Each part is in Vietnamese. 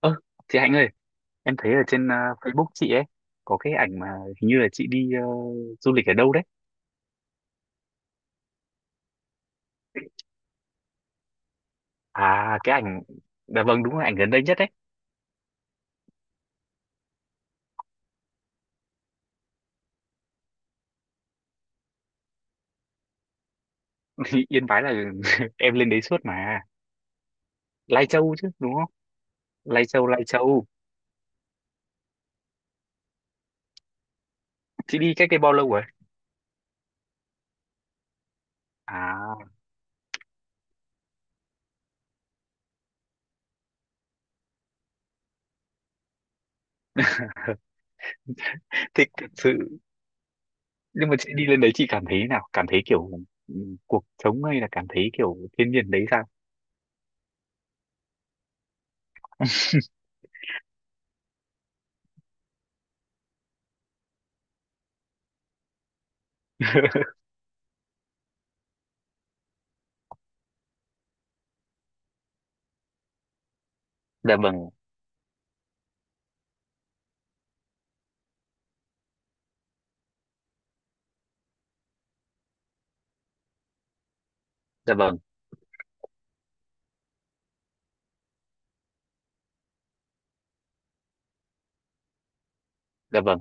Ơ, chị Hạnh ơi, em thấy ở trên Facebook chị ấy có cái ảnh mà hình như là chị đi du lịch ở đâu đấy. À, cái ảnh, dạ vâng đúng là ảnh gần đây nhất đấy. Yên Bái là em lên đấy suốt mà. Lai Châu chứ đúng không? Lai Châu, Lai Châu. Chị đi cách đây bao lâu rồi? À, thích thật sự. Nhưng mà chị đi lên đấy chị cảm thấy thế nào? Cảm thấy kiểu ừ, cuộc sống hay là cảm thấy kiểu thiên nhiên đấy sao? Dạ vâng, dạ vâng, dạ vâng.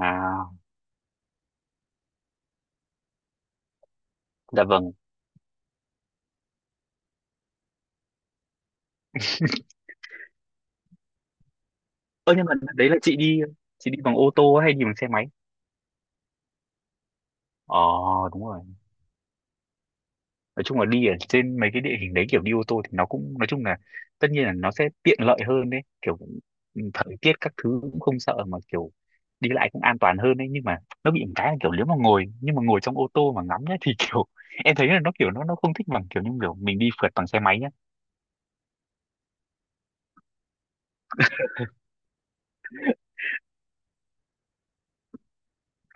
À, dạ vâng. Ơ nhưng mà đấy là chị đi bằng ô tô hay đi bằng xe máy? Ờ, đúng rồi. Nói chung là đi ở trên mấy cái địa hình đấy kiểu đi ô tô thì nó cũng nói chung là tất nhiên là nó sẽ tiện lợi hơn đấy, kiểu ừ, thời tiết các thứ cũng không sợ mà kiểu đi lại cũng an toàn hơn đấy, nhưng mà nó bị một cái là kiểu nếu mà ngồi, nhưng mà ngồi trong ô tô mà ngắm nhá thì kiểu em thấy là nó kiểu nó không thích bằng kiểu như kiểu mình đi phượt bằng xe máy nhá.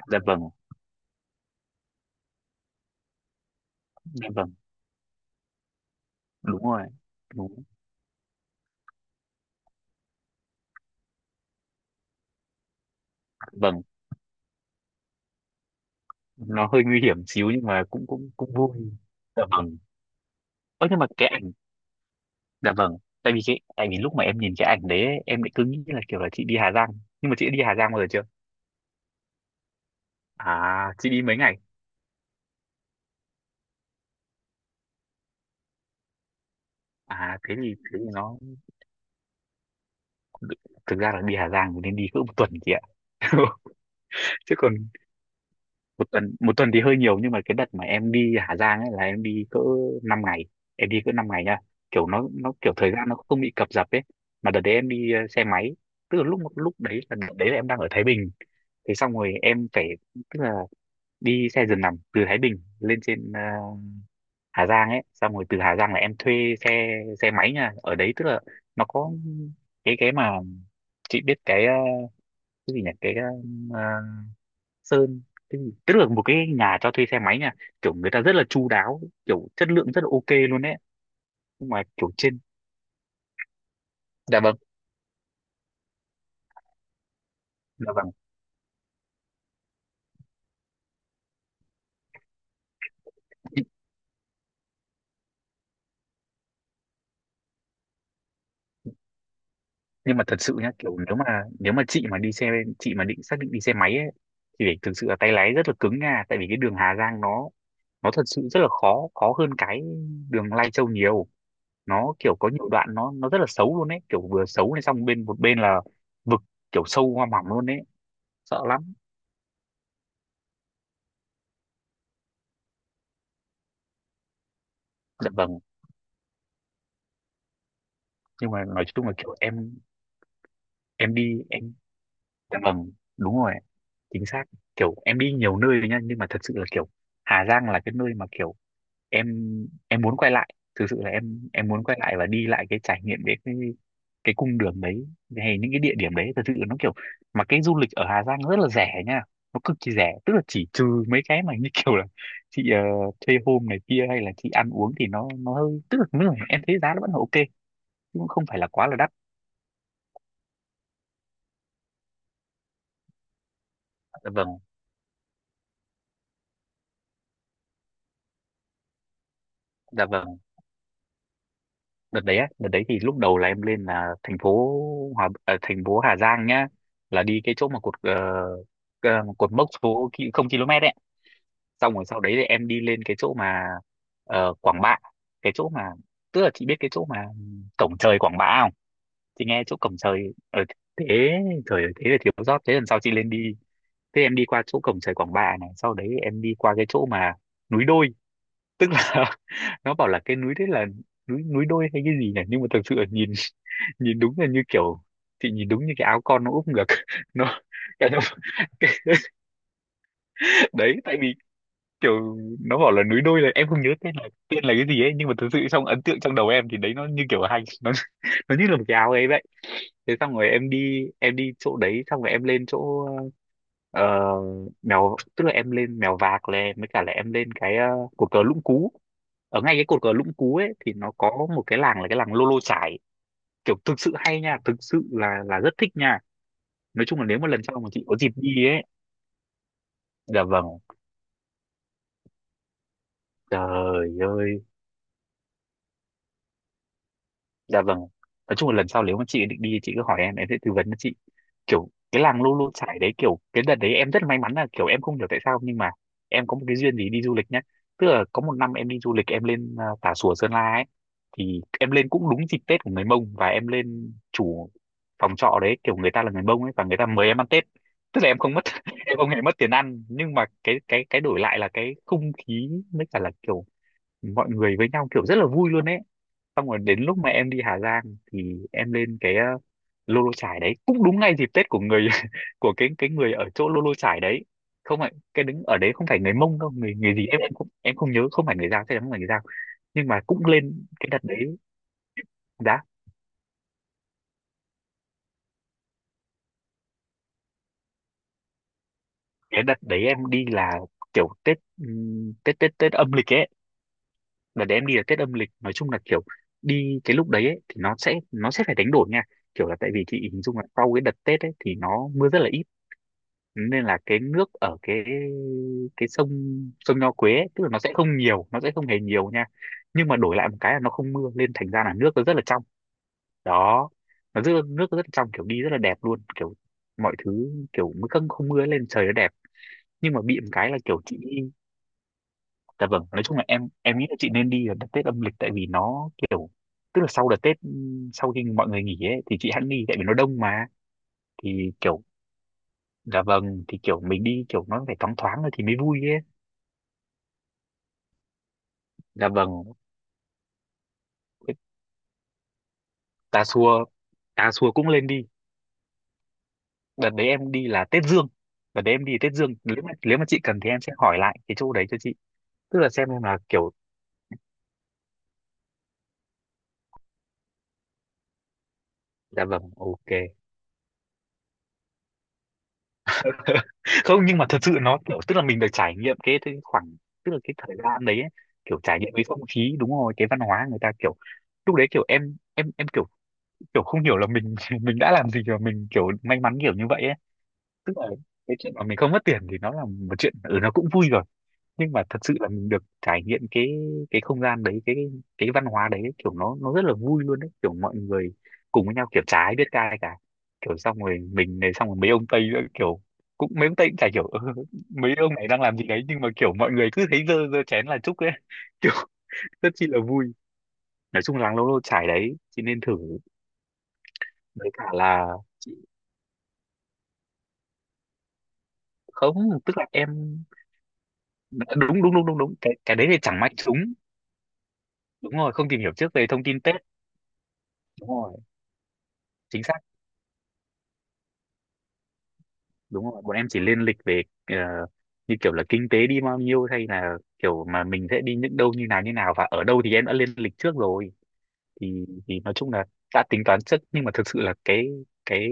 Dạ vâng, dạ vâng, đúng rồi. Đúng. Vâng, nó hơi nguy hiểm xíu nhưng mà cũng cũng cũng vui. Dạ vâng. Ơ nhưng mà cái Dạ vâng, tại vì lúc mà em nhìn cái ảnh đấy ấy, em lại cứ nghĩ là kiểu là chị đi Hà Giang. Nhưng mà chị đã đi Hà Giang bao giờ chưa? À, chị đi mấy ngày? À, thế thì nó thực ra là đi Hà Giang thì nên đi cỡ một tuần chị ạ. Chứ còn một tuần thì hơi nhiều, nhưng mà cái đợt mà em đi Hà Giang ấy là em đi cỡ 5 ngày. Em đi cỡ 5 ngày nha. Kiểu nó kiểu thời gian nó không bị cập dập ấy. Mà đợt đấy em đi xe máy. Tức là lúc lúc đấy là đợt đấy là em đang ở Thái Bình. Thế xong rồi em phải, tức là đi xe giường nằm từ Thái Bình lên trên Hà Giang ấy, xong rồi từ Hà Giang là em thuê xe xe máy nha, ở đấy tức là nó có cái mà chị biết cái cái gì nhỉ, cái ờ, sơn cái gì? Tức là một cái nhà cho thuê xe máy nha, kiểu người ta rất là chu đáo, kiểu chất lượng rất là OK luôn đấy, nhưng mà kiểu trên, dạ vâng, dạ vâng, nhưng mà thật sự nhá, kiểu nếu mà, nếu mà chị mà đi xe chị mà định xác định đi xe máy ấy thì phải thực sự là tay lái rất là cứng nha, tại vì cái đường Hà Giang nó thật sự rất là khó, khó hơn cái đường Lai Châu nhiều, nó kiểu có nhiều đoạn nó rất là xấu luôn ấy, kiểu vừa xấu này xong bên một bên là vực, kiểu sâu hoa mỏng luôn ấy, sợ lắm. Dạ vâng, nhưng mà nói chung là kiểu em đi, dạ vâng, đúng rồi, chính xác, kiểu em đi nhiều nơi rồi nha, nhưng mà thật sự là kiểu Hà Giang là cái nơi mà kiểu em em muốn quay lại, thực sự là em muốn quay lại và đi lại cái trải nghiệm đấy, cái cung đường đấy hay những cái địa điểm đấy, thật sự là nó kiểu, mà cái du lịch ở Hà Giang rất là rẻ nha, nó cực kỳ rẻ, tức là chỉ trừ mấy cái mà như kiểu là chị thuê hôm này kia hay là chị ăn uống thì nó hơi, tức là nếu mà em thấy giá nó vẫn là OK, chứ cũng không phải là quá là đắt. Dạ vâng, dạ vâng. Đợt đấy á, đợt đấy thì lúc đầu là em lên là thành phố thành phố Hà Giang nhá, là đi cái chỗ mà cột cột mốc số ki- không km ấy, xong rồi sau đấy thì em đi lên cái chỗ mà Quảng Bạ, cái chỗ mà, tức là chị biết cái chỗ mà cổng trời Quảng Bạ không? Chị nghe chỗ cổng trời ở thế, trời ơi, thế là thiếu sót, thế lần sau chị lên đi. Thế em đi qua chỗ cổng trời Quảng Bạ này sau đấy em đi qua cái chỗ mà núi đôi, tức là nó bảo là cái núi đấy là núi núi đôi hay cái gì này, nhưng mà thực sự là nhìn nhìn đúng là như kiểu chị nhìn đúng như cái áo con nó úp ngược, nó cái nó- đấy, tại vì kiểu nó bảo là núi đôi là em không nhớ tên là cái gì ấy, nhưng mà thực sự trong ấn tượng trong đầu em thì đấy nó như kiểu hành nó nó như là một cái áo ấy vậy. Thế xong rồi em đi chỗ đấy xong rồi em lên chỗ ờ, mèo, tức là em lên mèo vạc này, mới cả là em lên cái cột cờ Lũng Cú. Ở ngay cái cột cờ Lũng Cú ấy thì nó có một cái làng là cái làng Lô Lô Chải, kiểu thực sự hay nha, thực sự là rất thích nha. Nói chung là nếu mà lần sau mà chị có dịp đi ấy, dạ vâng, trời ơi, dạ vâng. Nói chung là lần sau nếu mà chị định đi chị cứ hỏi em sẽ tư vấn cho chị. Kiểu cái làng Lu Lu Chải đấy, kiểu cái đợt đấy em rất may mắn là kiểu em không hiểu tại sao nhưng mà em có một cái duyên gì đi du lịch nhá. Tức là có một năm em đi du lịch em lên à, Tà Xùa Sơn La ấy, thì em lên cũng đúng dịp Tết của người Mông và em lên chủ phòng trọ đấy kiểu người ta là người Mông ấy và người ta mời em ăn Tết. Tức là em không mất em không hề mất tiền ăn, nhưng mà cái cái đổi lại là cái không khí với cả là kiểu mọi người với nhau kiểu rất là vui luôn ấy. Xong rồi đến lúc mà em đi Hà Giang thì em lên cái Lô Lô Chải đấy cũng đúng ngay dịp Tết của người của cái người ở chỗ Lô Lô Chải đấy, không phải cái đứng ở đấy không phải người Mông đâu, người người gì em cũng em không nhớ, không phải người Dao, chắc chắn không phải người Dao nhưng mà cũng lên cái đợt đấy. Giá cái đợt đấy em đi là kiểu Tết Tết âm lịch ấy, đợt đấy em đi là Tết âm lịch, nói chung là kiểu đi cái lúc đấy ấy, thì nó sẽ phải đánh đổi nha, kiểu là tại vì chị hình dung là sau cái đợt Tết ấy thì nó mưa rất là ít, nên là cái nước ở cái sông sông Nho Quế ấy, tức là nó sẽ không nhiều, nó sẽ không hề nhiều nha, nhưng mà đổi lại một cái là nó không mưa nên thành ra là nước nó rất là trong, đó, nó rất nước, nó rất là trong, kiểu đi rất là đẹp luôn, kiểu mọi thứ kiểu mới, không không mưa lên trời nó đẹp, nhưng mà bị một cái là kiểu chị, dạ vâng, nói chung là em nghĩ là chị nên đi ở đợt Tết âm lịch tại vì nó kiểu, tức là sau đợt Tết sau khi mọi người nghỉ ấy thì chị hẵng đi tại vì nó đông mà, thì kiểu, dạ vâng, thì kiểu mình đi kiểu nó phải thoáng thoáng rồi thì mới vui ấy. Dạ vâng, Tà Xùa, Tà Xùa cũng lên đi. Đợt đấy em đi là Tết Dương. Đợt đấy em đi Tết Dương. Nếu mà chị cần thì em sẽ hỏi lại cái chỗ đấy cho chị. Tức là xem là kiểu, dạ vâng, OK. Không, nhưng mà thật sự nó kiểu, tức là mình được trải nghiệm cái khoảng, tức là cái thời gian đấy ấy, kiểu trải nghiệm cái không khí, đúng rồi, cái văn hóa người ta kiểu, lúc đấy kiểu em kiểu, kiểu không hiểu là mình, mình đã làm gì mà mình kiểu may mắn kiểu như vậy ấy. Tức là cái chuyện mà mình không mất tiền thì nó là một chuyện, ừ, nó cũng vui rồi. Nhưng mà thật sự là mình được trải nghiệm cái không gian đấy, cái văn hóa đấy kiểu nó rất là vui luôn đấy, kiểu mọi người cùng với nhau, kiểu chả ai biết ca ai cả, kiểu xong rồi mình này, xong rồi mấy ông Tây nữa, kiểu cũng mấy ông Tây cũng chả hiểu "Ơ, mấy ông này đang làm gì đấy", nhưng mà kiểu mọi người cứ thấy dơ dơ chén là chúc ấy, kiểu rất chi là vui. Nói chung là lâu lâu trải đấy, chị nên thử. Với cả là chị không, tức là em đúng đúng đúng đúng đúng, cái đấy thì chẳng may chúng, đúng rồi, không tìm hiểu trước về thông tin Tết. Đúng rồi, chính xác. Đúng rồi, bọn em chỉ lên lịch về như kiểu là kinh tế đi bao nhiêu, hay là kiểu mà mình sẽ đi những đâu như nào và ở đâu, thì em đã lên lịch trước rồi. Thì nói chung là đã tính toán trước, nhưng mà thực sự là cái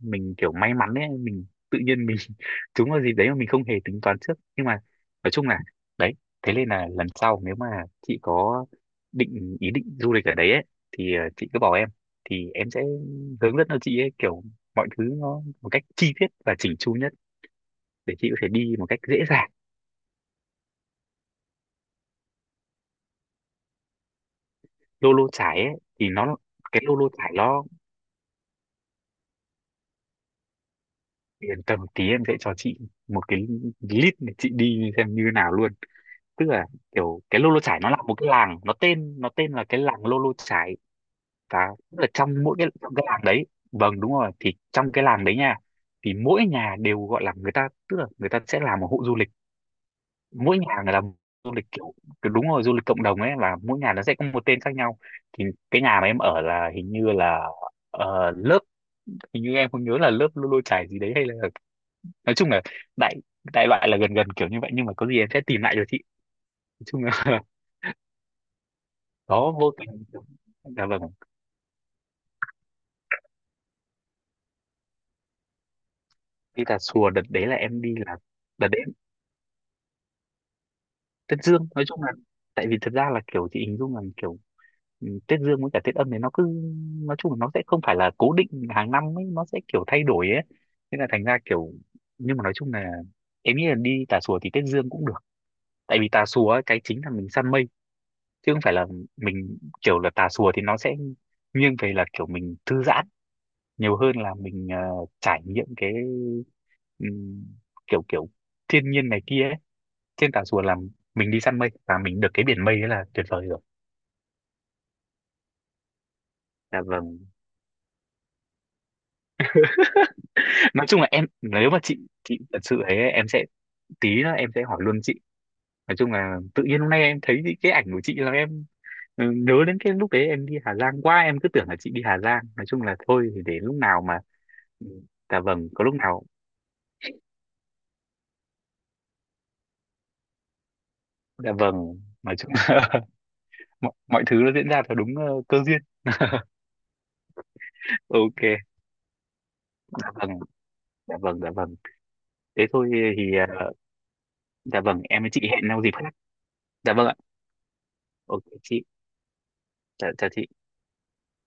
mình kiểu may mắn ấy, mình tự nhiên mình trúng vào dịp đấy mà mình không hề tính toán trước. Nhưng mà nói chung là đấy, thế nên là lần sau nếu mà chị có định, ý định du lịch ở đấy ấy, thì chị cứ bảo em thì em sẽ hướng dẫn cho chị ấy, kiểu mọi thứ nó một cách chi tiết và chỉnh chu nhất để chị có thể đi một cách dễ dàng. Lô Lô Chải ấy, thì nó, cái Lô Lô Chải nó, yên tâm, tí em sẽ cho chị một cái list để chị đi xem như nào luôn. Tức là kiểu cái Lô Lô Chải nó là một cái làng, nó tên, nó tên là cái làng Lô Lô Chải. Và tức là trong mỗi cái, trong cái làng đấy, vâng đúng rồi, thì trong cái làng đấy nha, thì mỗi nhà đều gọi là người ta, tức là người ta sẽ làm một hộ du lịch, mỗi nhà người làm du lịch kiểu, đúng rồi, du lịch cộng đồng ấy, là mỗi nhà nó sẽ có một tên khác nhau. Thì cái nhà mà em ở là hình như là lớp, hình như em không nhớ là lớp Lô Lô Chải gì đấy, hay là nói chung là đại, đại loại là gần gần kiểu như vậy, nhưng mà có gì em sẽ tìm lại cho chị. Nói chung là đó, vô tình. Dạ vâng, đi Tà Xùa đợt đấy là em đi là đợt đấy Tết Dương. Nói chung là tại vì thật ra là kiểu chị hình dung là kiểu, ừ, Tết Dương với cả Tết Âm thì nó cứ, nói chung là nó sẽ không phải là cố định hàng năm ấy, nó sẽ kiểu thay đổi ấy, nên là thành ra kiểu, nhưng mà nói chung là em nghĩ là đi Tà Xùa thì Tết Dương cũng được. Tại vì Tà Xùa ấy, cái chính là mình săn mây, chứ không phải là mình kiểu là Tà Xùa thì nó sẽ nghiêng về là kiểu mình thư giãn nhiều hơn là mình trải nghiệm cái ừm, kiểu kiểu thiên nhiên này kia ấy. Trên Tà Rùa là mình đi săn mây và mình được cái biển mây đấy là tuyệt vời rồi. Dạ vâng. Nói chung là em, nếu mà chị thật sự ấy, em sẽ, tí nữa em sẽ hỏi luôn chị. Nói chung là tự nhiên hôm nay em thấy cái ảnh của chị là em, ừ, nhớ đến cái lúc đấy em đi Hà Giang quá, em cứ tưởng là chị đi Hà Giang. Nói chung là thôi thì để lúc nào mà, ừ, dạ vâng, có lúc nào. Dạ vâng, nói chung là mọi thứ nó diễn ra theo đúng cơ duyên. Ok. Dạ vâng. Dạ vâng, dạ vâng. Thế thôi thì ờ, dạ vâng, em với chị hẹn nhau dịp khác. Dạ vâng ạ. Ok chị. Dạ chào chị.